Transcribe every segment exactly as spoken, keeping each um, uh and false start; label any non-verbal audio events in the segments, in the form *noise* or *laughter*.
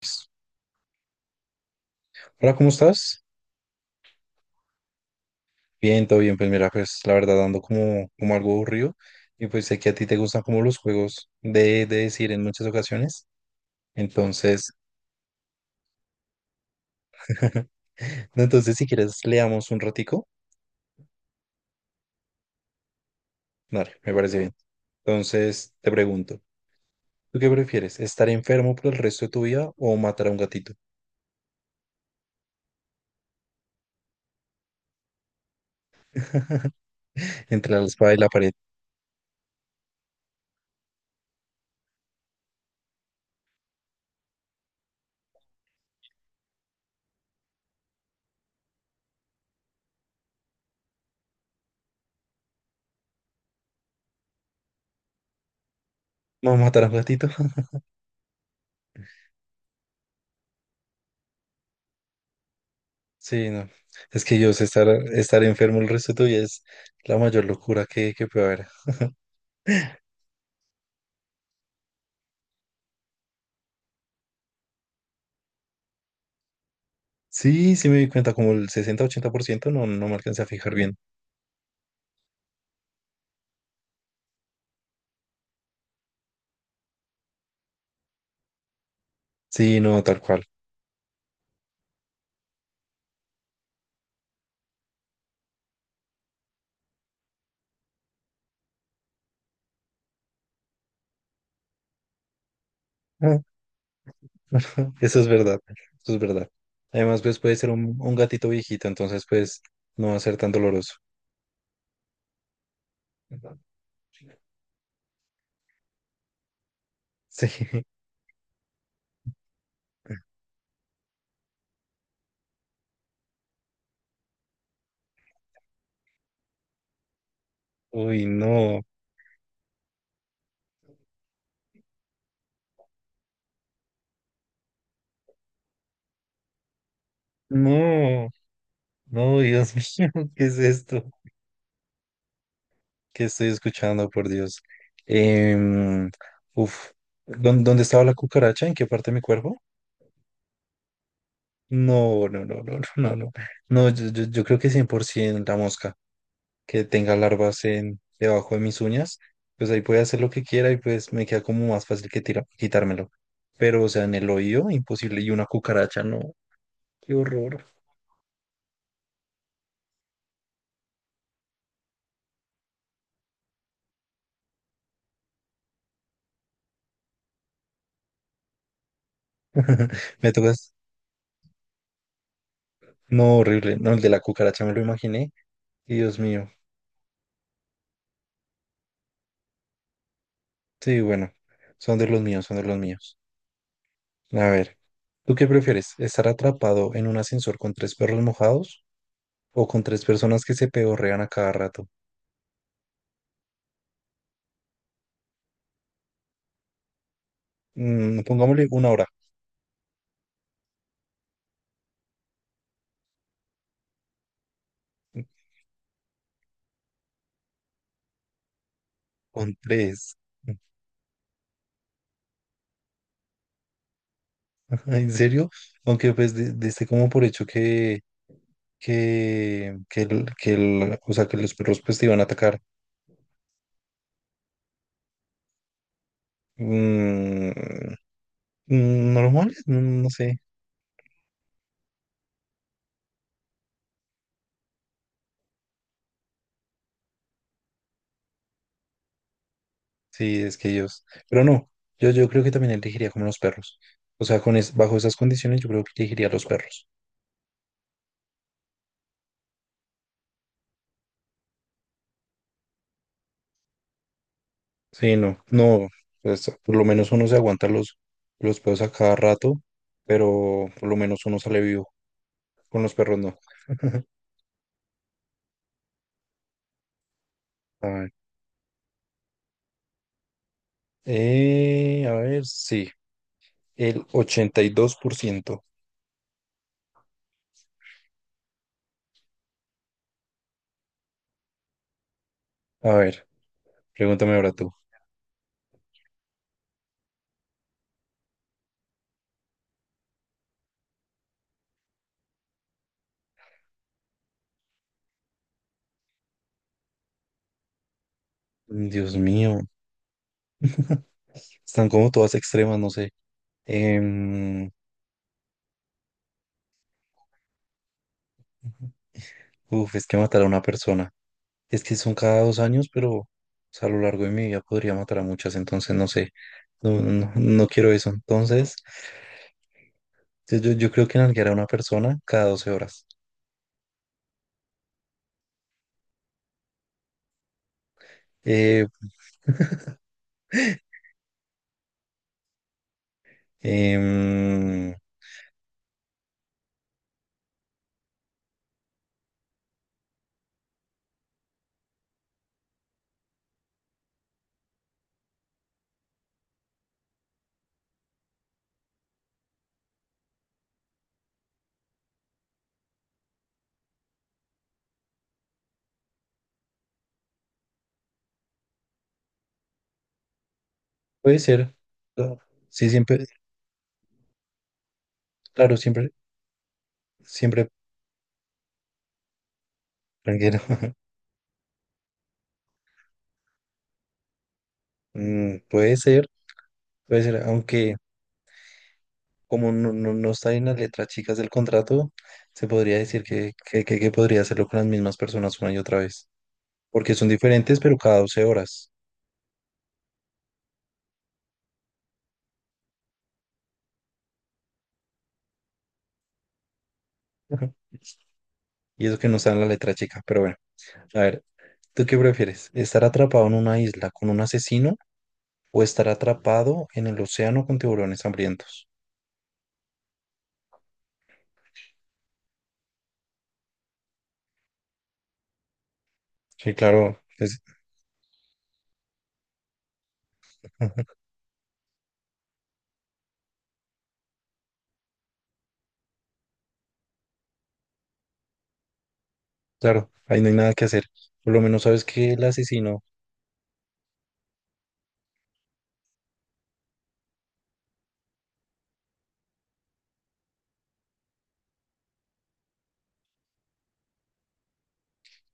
Pues, hola, ¿cómo estás? Bien, todo bien. Pues mira, pues la verdad ando como, como algo aburrido y pues sé que a ti te gustan como los juegos de, de decir en muchas ocasiones. Entonces, *laughs* no, entonces si quieres leamos un ratico. Dale, me parece bien. Entonces te pregunto, ¿tú qué prefieres? ¿Estar enfermo por el resto de tu vida o matar a un gatito? *laughs* Entre la espada y la pared. ¿No matar a un gatito? *laughs* Sí, no. Es que yo sé estar, estar enfermo el resto de tu vida es la mayor locura que, que puede haber. Sí, sí me di cuenta, como el sesenta, ochenta por ciento, no, no me alcancé a fijar bien. Sí, no, tal cual. Ah, *laughs* eso es verdad, eso es verdad. Además, pues puede ser un, un gatito viejito, entonces pues no va a ser tan doloroso. Sí, *laughs* uy, no, no, no, Dios mío, *laughs* ¿qué es esto? ¿Qué estoy escuchando, por Dios? Em, Uf, ¿dó- ¿dónde estaba la cucaracha? ¿En qué parte de mi cuerpo? No, no, no, no, no, no, no, no, yo, yo, yo creo que cien por ciento la mosca. Que tenga larvas en, debajo de mis uñas, pues ahí puede hacer lo que quiera y pues me queda como más fácil que tira- quitármelo. Pero, o sea, en el oído, imposible. Y una cucaracha, no. Qué horror. *laughs* Me tocas. No, horrible. No, el de la cucaracha me lo imaginé. Y Dios mío. Sí, bueno. Son de los míos, son de los míos. A ver, ¿tú qué prefieres? ¿Estar atrapado en un ascensor con tres perros mojados o con tres personas que se pedorrean a cada rato? Mm, pongámosle una hora. Con tres. ¿En serio? Aunque pues de- diste como por hecho que, que, que, el- que el- o sea, que los perros pues te iban a atacar. Mm, mm, Normal, mm, no sé. Sí, es que ellos. Pero no, yo, yo creo que también elegiría como los perros. O sea, con es- bajo esas condiciones yo creo que elegiría los perros. Sí, no, no, pues por lo menos uno se aguanta los, los pedos a cada rato, pero por lo menos uno sale vivo. Con los perros no. A ver, eh, a ver, sí. El ochenta y dos por ciento. A ver, pregúntame ahora tú. Dios mío. *laughs* Están como todas extremas, no sé. Em, Uf, es que matar a una persona. Es que son cada dos años, pero o sea, a lo largo de mi vida podría matar a muchas, entonces no sé. No, no, no no quiero eso. Entonces, yo, yo, yo creo que nalguear a una persona cada doce horas. Eh, *laughs* em, Puede ser. Sí, siempre, claro, siempre, siempre tranquilo. *laughs* Mm, puede ser, puede ser, aunque como no, no, no está en las letras chicas del contrato, se podría decir que, que, que, que podría hacerlo con las mismas personas una y otra vez, porque son diferentes, pero cada doce horas. Ujú. *laughs* Y eso que no está en la letra chica, pero bueno, a ver, ¿tú qué prefieres? ¿Estar atrapado en una isla con un asesino o estar atrapado en el océano con tiburones hambrientos? Sí, claro, es, claro, ahí no hay nada que hacer. Por lo menos sabes que el asesino.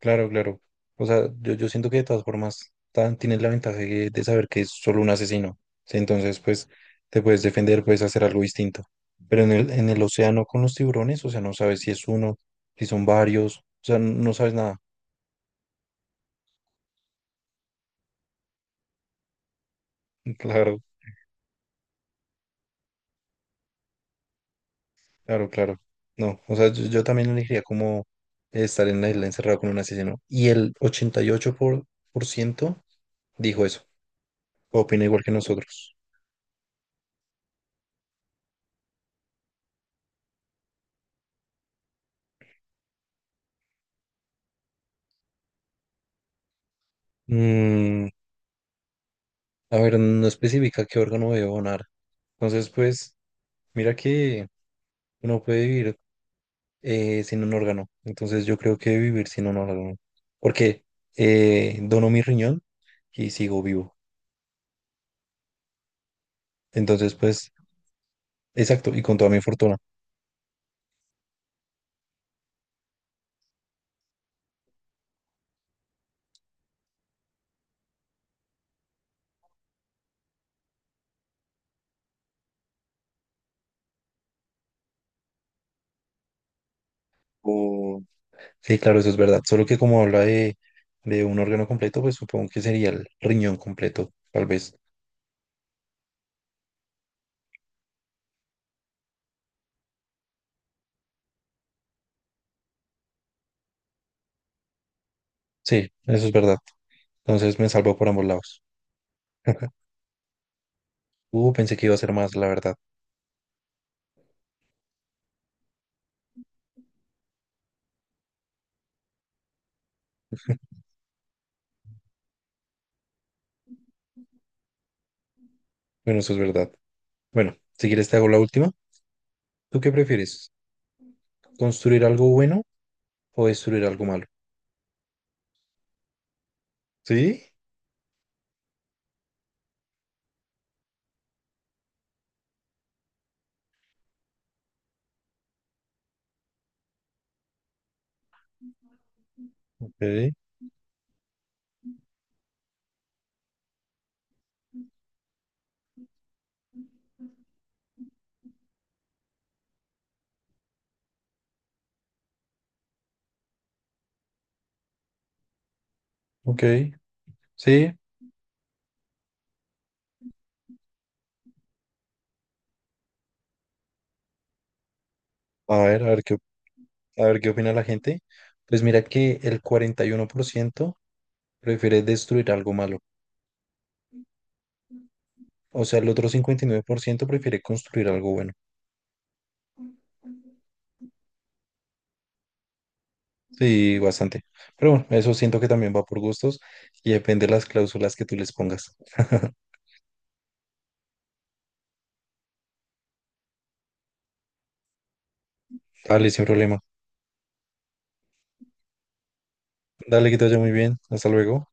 Claro, claro. O sea, yo, yo siento que de todas formas tan, tienes la ventaja de, de saber que es solo un asesino. Sí. Entonces, pues, te puedes defender, puedes hacer algo distinto. Pero en el, en el océano con los tiburones, o sea, no sabes si es uno, si son varios, o sea, no sabes nada. *laughs* Claro, claro, claro. No, o sea, yo, yo también elegiría como estar en la isla encerrado con un asesino. Y el ochenta y ocho por ciento por, por ciento dijo eso. Opina igual que nosotros. Mm, A ver, no especifica qué órgano debe donar. Entonces, pues, mira que uno puede vivir eh, sin un órgano. Entonces, yo creo que vivir sin un órgano. Porque eh, dono mi riñón y sigo vivo. Entonces, pues, exacto, y con toda mi fortuna. O Sí, claro, eso es verdad. Solo que como habla de, de un órgano completo, pues supongo que sería el riñón completo, tal vez. Sí, eso es verdad. Entonces, me salvo por ambos lados. *laughs* Uh, pensé que iba a ser más, la verdad. Bueno, eso es verdad. Bueno, si quieres te hago la última. ¿Tú qué prefieres? ¿Construir algo bueno o destruir algo malo? Sí, ok, ok, sí. A ver, a ver qué, a ver qué opina la gente. Pues mira que el cuarenta y uno por ciento prefiere destruir algo malo. O sea, el otro cincuenta y nueve por ciento prefiere construir algo bueno. Sí, bastante. Pero bueno, eso siento que también va por gustos y depende de las cláusulas que tú les pongas. Dale, sin problema. Dale, que te vaya muy bien. Hasta luego.